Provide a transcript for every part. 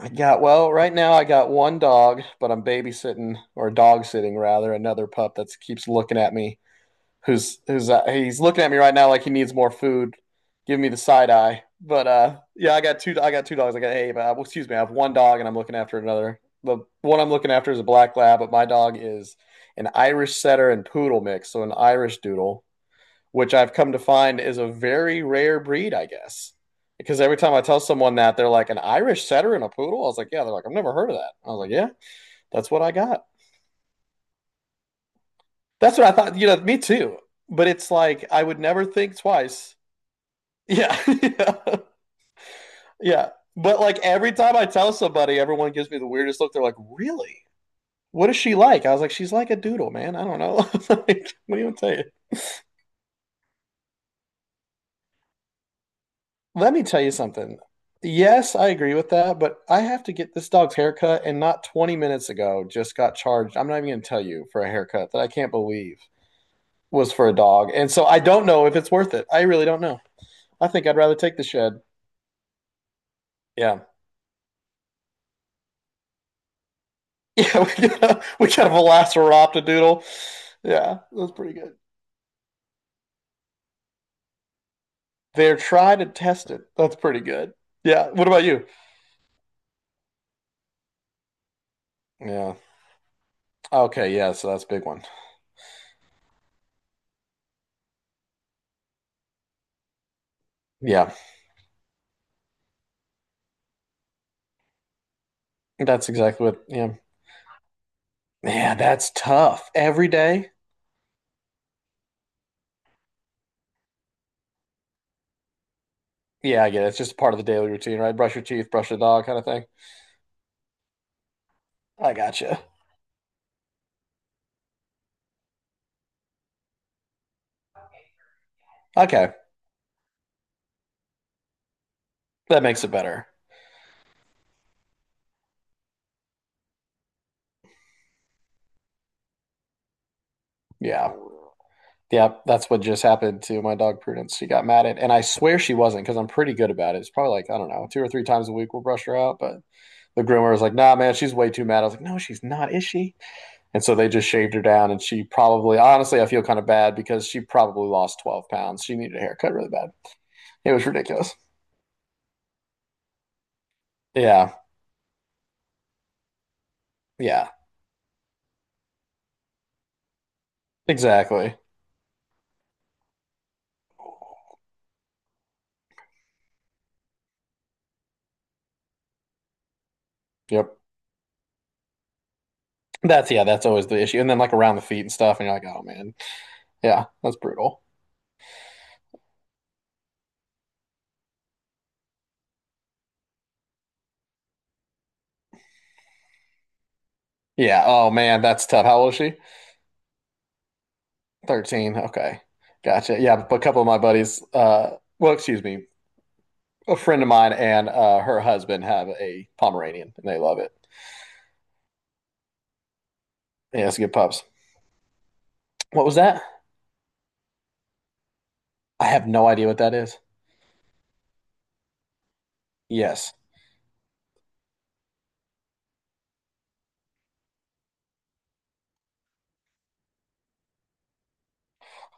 I got, well, right now I got one dog, but I'm babysitting or dog sitting rather another pup that keeps looking at me. Who's who's He's looking at me right now like he needs more food. Give me the side eye. I got two dogs. I got hey, but Excuse me, I have one dog and I'm looking after another. The one I'm looking after is a black lab, but my dog is an Irish setter and poodle mix, so an Irish doodle, which I've come to find is a very rare breed, I guess. Because every time I tell someone that, they're like, an Irish setter and a poodle? I was like, yeah. They're like, I've never heard of that. I was like, yeah, that's what I got. That's what I thought. You know, me too. But it's like, I would never think twice. Yeah. yeah. Yeah. But like every time I tell somebody, everyone gives me the weirdest look. They're like, really? What is she like? I was like, she's like a doodle, man. I don't know. Like, what do you want to tell you? Let me tell you something. Yes, I agree with that, but I have to get this dog's haircut, and not 20 minutes ago just got charged. I'm not even going to tell you, for a haircut that I can't believe was for a dog. And so I don't know if it's worth it. I really don't know. I think I'd rather take the shed. Yeah. Yeah, we got, we got a Velociraptor. Yeah, that's pretty good. They're tried and tested. That's pretty good. Yeah. What about you? Yeah. Okay. Yeah. So that's a big one. Yeah. That's exactly what. Yeah. Yeah. That's tough. Every day. Yeah, I get it. It's just part of the daily routine, right? Brush your teeth, brush the dog, kind of thing. I gotcha. Okay, that makes it better. Yeah, yeah, that's what just happened to my dog Prudence. She got mad at, and I swear she wasn't, because I'm pretty good about it. It's probably like, I don't know, two or three times a week we'll brush her out. But the groomer was like, "Nah, man, she's way too mad." I was like, "No, she's not, is she?" And so they just shaved her down, and she probably, honestly, I feel kind of bad because she probably lost 12 pounds. She needed a haircut really bad. It was ridiculous. Yeah, yeah, exactly. Yep. That's, yeah, that's always the issue. And then like around the feet and stuff, and you're like, oh man, yeah, that's brutal. Yeah, oh man, that's tough. How old is she? 13. Okay, gotcha. Yeah, but a couple of my buddies, excuse me, a friend of mine and her husband have a Pomeranian, and they love it. Yeah, it's good pups. What was that? I have no idea what that is. Yes,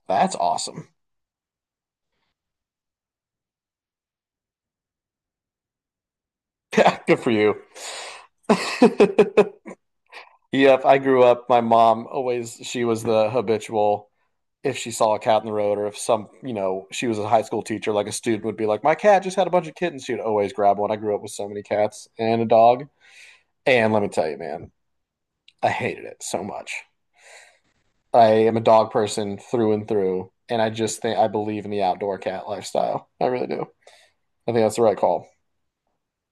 that's awesome. Yeah, good for you. Yep, I grew up. My mom always, she was the habitual, if she saw a cat in the road or if some, you know, she was a high school teacher, like a student would be like, my cat just had a bunch of kittens. She would always grab one. I grew up with so many cats and a dog. And let me tell you, man, I hated it so much. I am a dog person through and through. And I just think I believe in the outdoor cat lifestyle. I really do. I think that's the right call.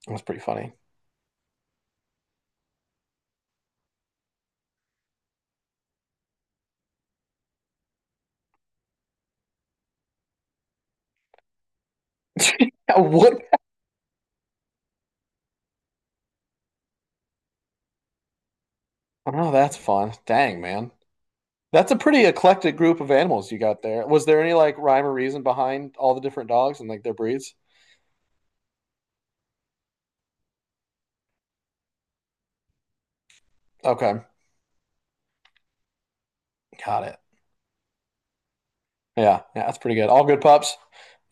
That's pretty funny. What? Oh, no, that's fun. Dang, man. That's a pretty eclectic group of animals you got there. Was there any like rhyme or reason behind all the different dogs and like their breeds? Okay, got it. Yeah, yeah, that's pretty good. All good pups.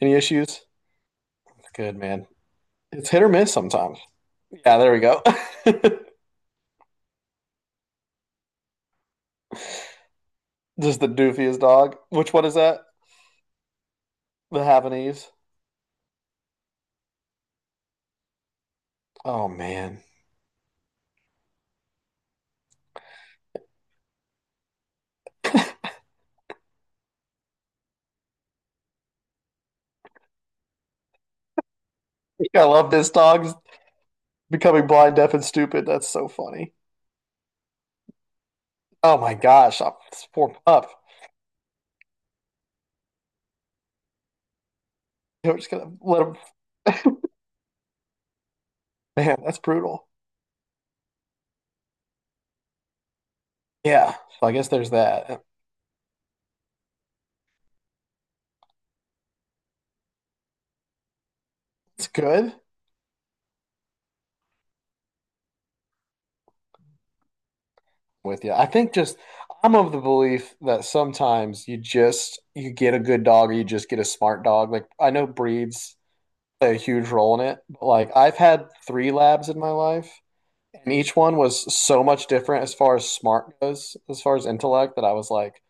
Any issues? Good man. It's hit or miss sometimes. Yeah, there we go. Just the doofiest dog. Which one is that? The Havanese. Oh man, I love this dog becoming blind, deaf, and stupid. That's so funny. Oh my gosh, I'm, this poor pup. We're just gonna let him. Man, that's brutal. Yeah. So I guess there's that. It's good. With you. I think just I'm of the belief that sometimes you just you get a good dog or you just get a smart dog. Like I know breeds play a huge role in it, but like I've had 3 labs in my life and each one was so much different as far as smart goes, as far as intellect, that I was like,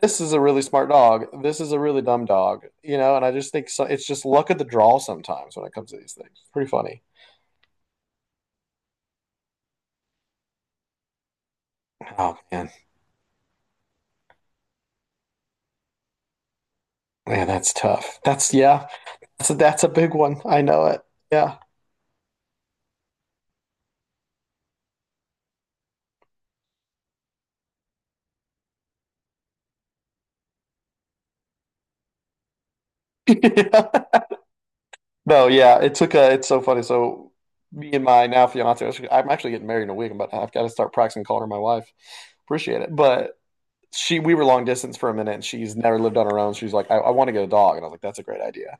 this is a really smart dog. This is a really dumb dog, you know. And I just think so, it's just luck of the draw sometimes when it comes to these things. It's pretty funny. Oh man, man, that's tough. That's a big one. I know it. Yeah. No, yeah, it took a, it's so funny. So me and my now fiance, I am actually getting married in a week, but I've got to start practicing calling her my wife. Appreciate it. But she, we were long distance for a minute and she's never lived on her own. She's like, I want to get a dog. And I was like, that's a great idea.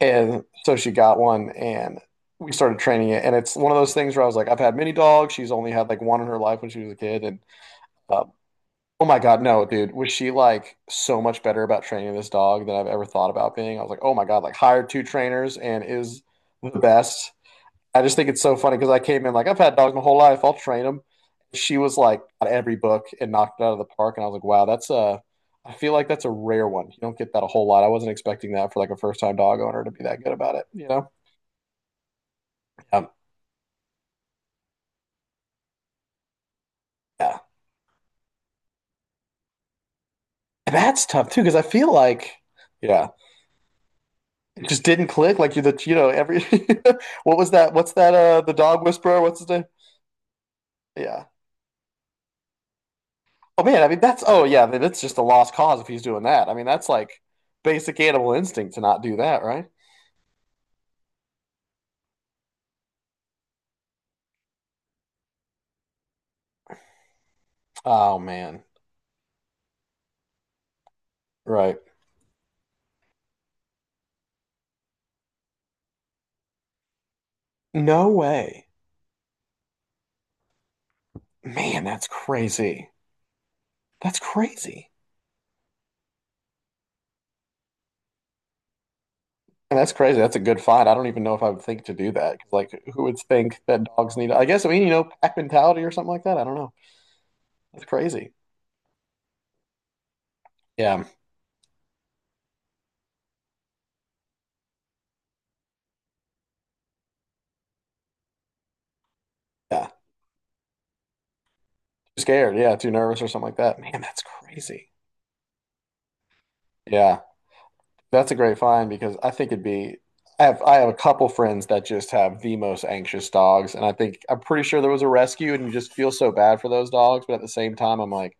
And so she got one and we started training it. And it's one of those things where I was like, I've had many dogs. She's only had like one in her life when she was a kid. And uh, oh my God, no, dude. Was she like so much better about training this dog than I've ever thought about being? I was like, oh my God, like hired 2 trainers and is the best. I just think it's so funny because I came in like, I've had dogs my whole life. I'll train them. She was like at every book and knocked it out of the park. And I was like, wow, that's a, I feel like that's a rare one. You don't get that a whole lot. I wasn't expecting that for like a first time dog owner to be that good about it, you know? Um, yeah. That's tough too because I feel like, yeah. It just didn't click. Like you're the you know every what was that? What's that? The dog whisperer. What's his name? Yeah. Oh man, I mean that's oh yeah, then it's just a lost cause if he's doing that. I mean that's like basic animal instinct to not do that, right? Oh man, right. No way, man. That's crazy. That's crazy. And that's crazy. That's a good find. I don't even know if I would think to do that. Like, who would think that dogs need? I guess, I mean, you know, pack mentality or something like that. I don't know. That's crazy. Yeah, yeah. Too scared. Yeah, too nervous or something like that. Man, that's crazy. Yeah, that's a great find, because I think it'd be I have a couple friends that just have the most anxious dogs, and I think I'm pretty sure there was a rescue, and you just feel so bad for those dogs, but at the same time, I'm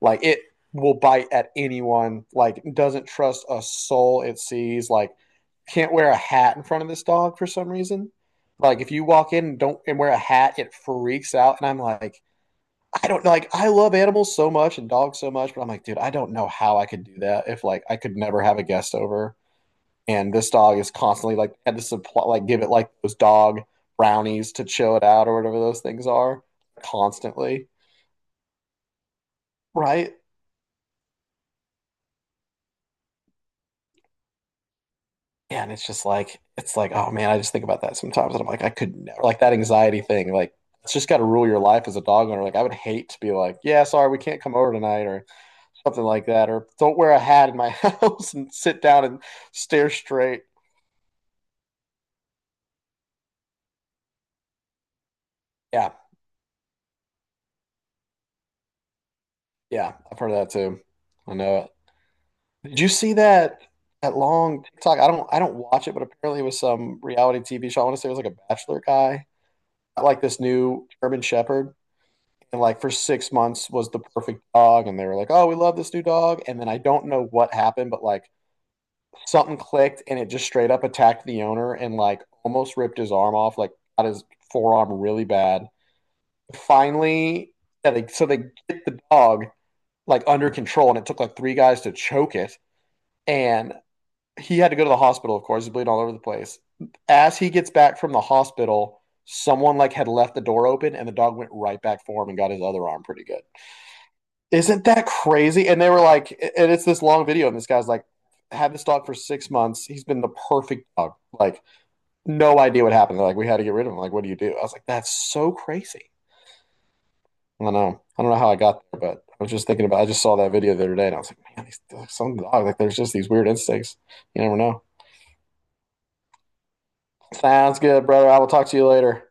like it will bite at anyone, like doesn't trust a soul it sees, like can't wear a hat in front of this dog for some reason. Like if you walk in and don't and wear a hat, it freaks out, and I'm like, I don't know. Like I love animals so much and dogs so much, but I'm like, dude, I don't know how I could do that if like I could never have a guest over and this dog is constantly like had to supply like give it like those dog brownies to chill it out or whatever those things are constantly, right? And it's just like it's like, oh man, I just think about that sometimes and I'm like, I could never, like, that anxiety thing, like it's just got to rule your life as a dog owner. Like I would hate to be like, yeah, sorry, we can't come over tonight or something like that, or don't wear a hat in my house and sit down and stare straight. Yeah, yeah, I've heard of that too. I know it. Did you see that long TikTok? I don't watch it, but apparently it was some reality TV show. I want to say it was like a bachelor guy, like this new German Shepherd, and like for 6 months was the perfect dog, and they were like, "Oh, we love this new dog," and then I don't know what happened, but like something clicked, and it just straight up attacked the owner and like almost ripped his arm off, like got his forearm really bad. Finally, yeah, they, so they get the dog like under control, and it took like 3 guys to choke it. And he had to go to the hospital, of course, he's bleeding all over the place. As he gets back from the hospital, someone like had left the door open, and the dog went right back for him and got his other arm pretty good. Isn't that crazy? And they were like, and it's this long video, and this guy's like, had this dog for 6 months. He's been the perfect dog. Like, no idea what happened. They're like, we had to get rid of him. Like, what do you do? I was like, that's so crazy. I don't know. I don't know how I got there, but I was just thinking about. I just saw that video the other day, and I was like, man, these some dog like there's just these weird instincts. You never know. Sounds good, brother. I will talk to you later.